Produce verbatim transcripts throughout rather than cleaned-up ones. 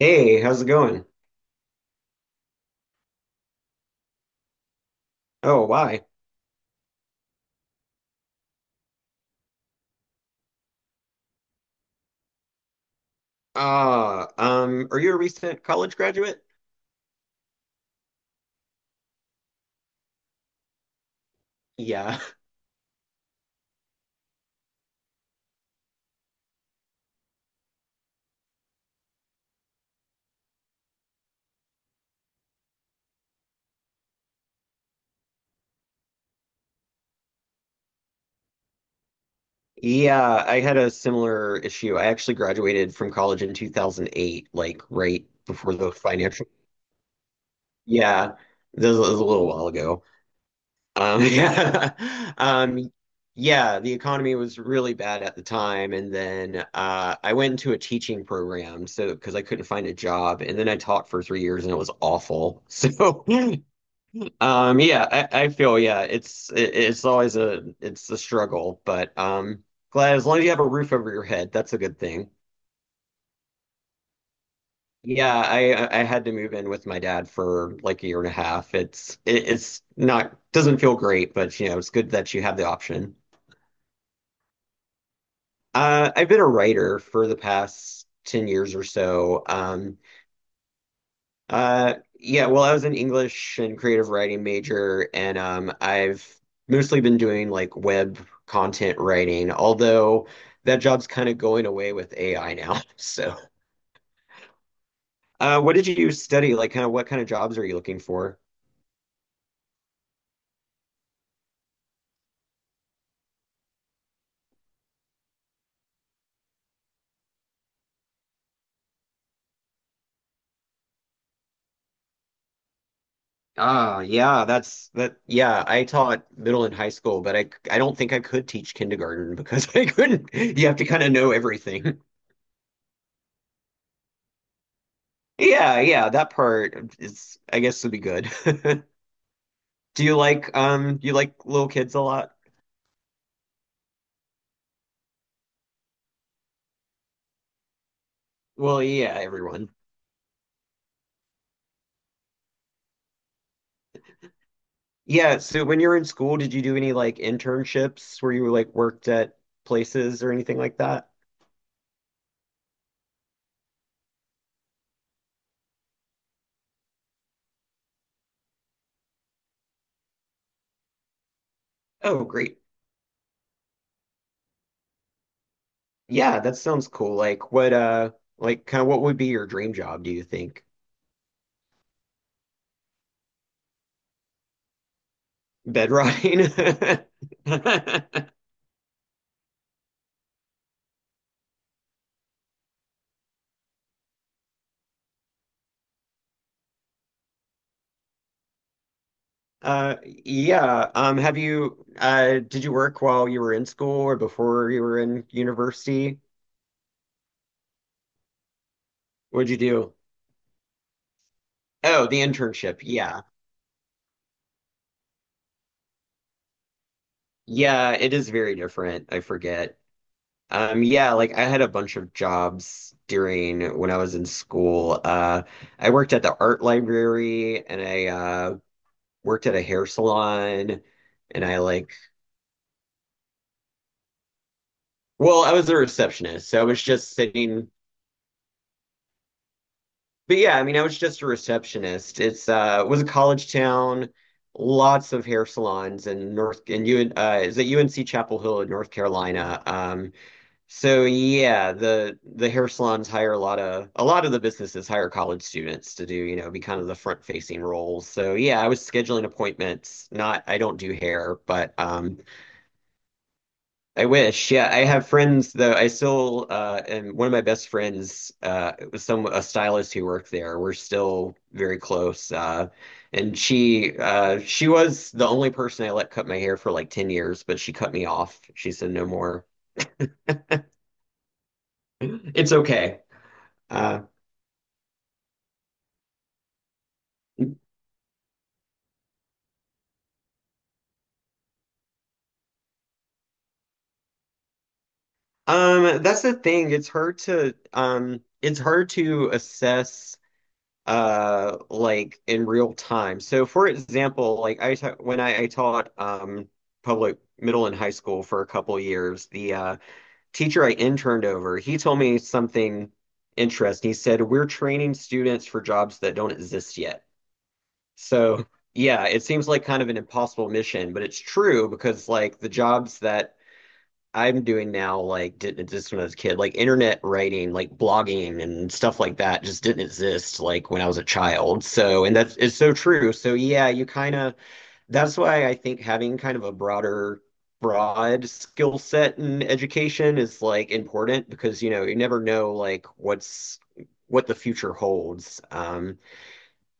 Hey, how's it going? Oh, why? Uh, um, are you a recent college graduate? Yeah. Yeah, I had a similar issue. I actually graduated from college in two thousand eight, like right before the financial. Yeah, this was a little while ago. Um, yeah. Um, yeah, the economy was really bad at the time, and then uh, I went into a teaching program so because I couldn't find a job, and then I taught for three years, and it was awful. So Um, yeah, I, I feel yeah, it's it, it's always a it's a struggle, but um, glad as long as you have a roof over your head, that's a good thing. Yeah, I I had to move in with my dad for like a year and a half. It's it, it's not doesn't feel great, but you know, it's good that you have the option. Uh, I've been a writer for the past ten years or so. Um, Uh, yeah, well, I was an English and creative writing major, and um, I've mostly been doing like web content writing, although that job's kind of going away with A I now. So, uh, what did you study? Like, kind of what kind of jobs are you looking for? Ah, yeah, that's that. Yeah, I taught middle and high school, but I I don't think I could teach kindergarten because I couldn't. You have to kind of know everything. Yeah, yeah, that part is, I guess, would be good. Do you like um you like little kids a lot? Well, yeah, everyone. Yeah, so when you were in school, did you do any like internships where you like worked at places or anything like that? Oh, great. Yeah, that sounds cool. Like what uh like kind of what would be your dream job, do you think? Bed rotting? Uh yeah, um have you uh did you work while you were in school or before you were in university? What'd you do? Oh, the internship. Yeah. Yeah, it is very different. I forget. Um, yeah, like I had a bunch of jobs during when I was in school. Uh, I worked at the art library and I uh, worked at a hair salon and I like, well, I was a receptionist, so I was just sitting. But yeah, I mean, I was just a receptionist. It's uh, it was a college town, lots of hair salons in North and you uh, is it U N C Chapel Hill in North Carolina. Um, So yeah, the the hair salons hire a lot of a lot of the businesses hire college students to do, you know, be kind of the front facing roles. So yeah, I was scheduling appointments. Not I don't do hair, but um I wish. Yeah, I have friends though. I still uh and one of my best friends uh was some a stylist who worked there. We're still very close. Uh and she uh she was the only person I let cut my hair for like ten years, but she cut me off. She said no more. It's okay. Uh, Um, that's the thing. It's hard to um it's hard to assess uh like in real time. So for example, like I ta when I, I taught um public middle and high school for a couple years, the uh teacher I interned over, he told me something interesting. He said, "We're training students for jobs that don't exist yet." So, yeah, it seems like kind of an impossible mission, but it's true because like the jobs that I'm doing now, like didn't exist when I was a kid, like internet writing, like blogging and stuff like that just didn't exist like when I was a child. So, and that's it's so true. So yeah, you kind of that's why I think having kind of a broader, broad skill set in education is like important because you know you never know like what's what the future holds. Um,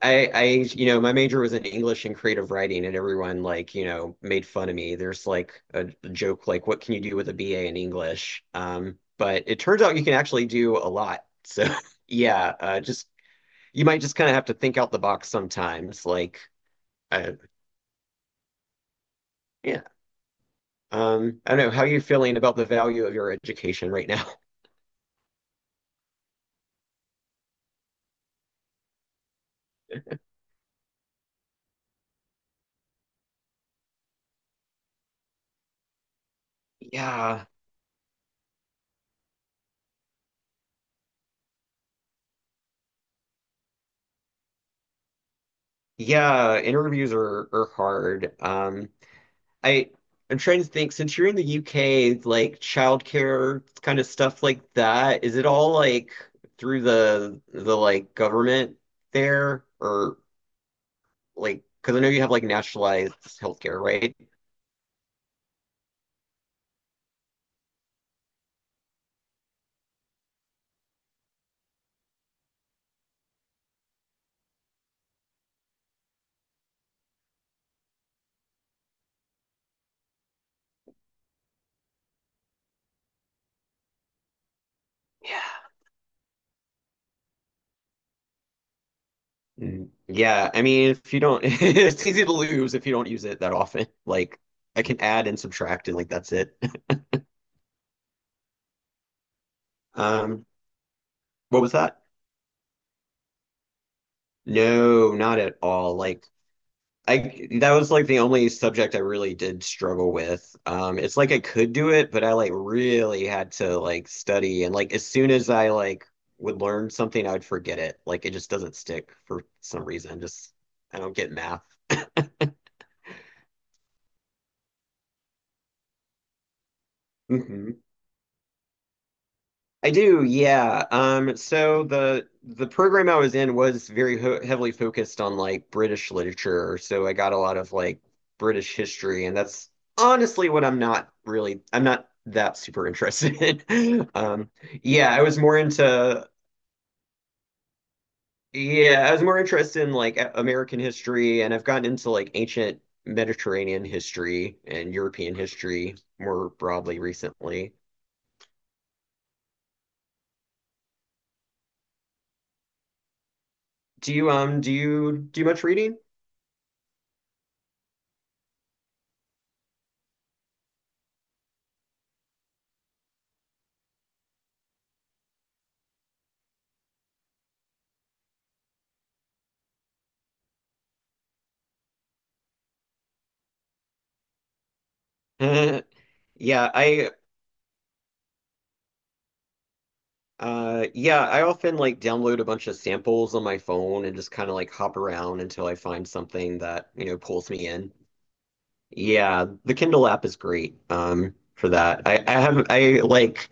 I, I, you know, my major was in English and creative writing, and everyone like, you know, made fun of me. There's like a joke like, what can you do with a B A in English? Um, but it turns out you can actually do a lot. So yeah, uh, just you might just kind of have to think out the box sometimes. Like, uh, yeah, um, I don't know how are you feeling about the value of your education right now. Yeah, yeah, interviews are are hard. Um, I I'm trying to think, since you're in the U K, like childcare kind of stuff like that, is it all like through the the like government there or like because I know you have like nationalized healthcare, right? Yeah. Mm. Yeah, I mean, if you don't, it's easy to lose if you don't use it that often. Like, I can add and subtract, and like that's it. Um, what was that? No, not at all. Like, I That was like the only subject I really did struggle with. Um, it's like I could do it, but I like really had to like study and like as soon as I like would learn something, I would forget it. Like it just doesn't stick for some reason. Just I don't get math. I do, yeah. Um, so the the program I was in was very ho heavily focused on like British literature, so I got a lot of like British history, and that's honestly what I'm not really I'm not that super interested in. Um, yeah, I was more into yeah, I was more interested in like A- American history, and I've gotten into like ancient Mediterranean history and European history more broadly recently. Do you um do you do much reading? Yeah, I Uh, yeah, I often like download a bunch of samples on my phone and just kind of like hop around until I find something that, you know, pulls me in. Yeah, the Kindle app is great, um, for that. I, I have I like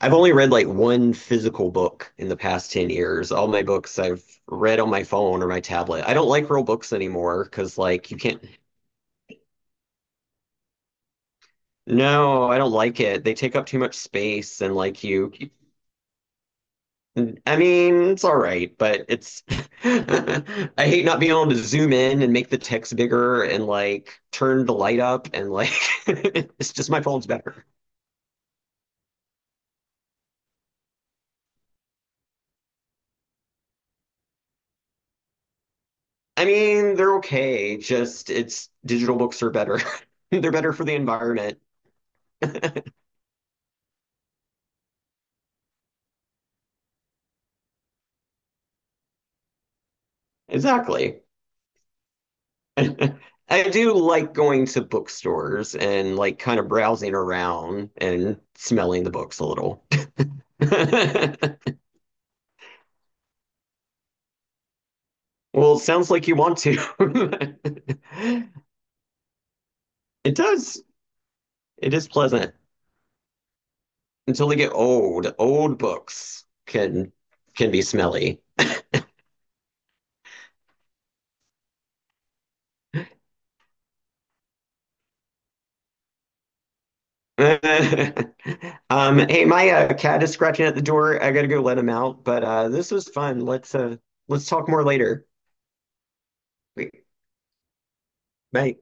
I've only read like one physical book in the past ten years. All my books I've read on my phone or my tablet. I don't like real books anymore because like you can't. No, I don't like it. They take up too much space and like you I mean, it's all right, but it's I hate not being able to zoom in and make the text bigger and like turn the light up and like it's just my phone's better. I mean, they're okay, just it's digital books are better. They're better for the environment. Exactly. I do like going to bookstores and like kind of browsing around and smelling the books a little. Well, it sounds like you want to. It does. It is pleasant until they get old. Old books can can be smelly. Um, hey, my uh, cat is scratching at the door. I gotta go let him out, but uh, this was fun. Let's uh, let's talk more later. Bye.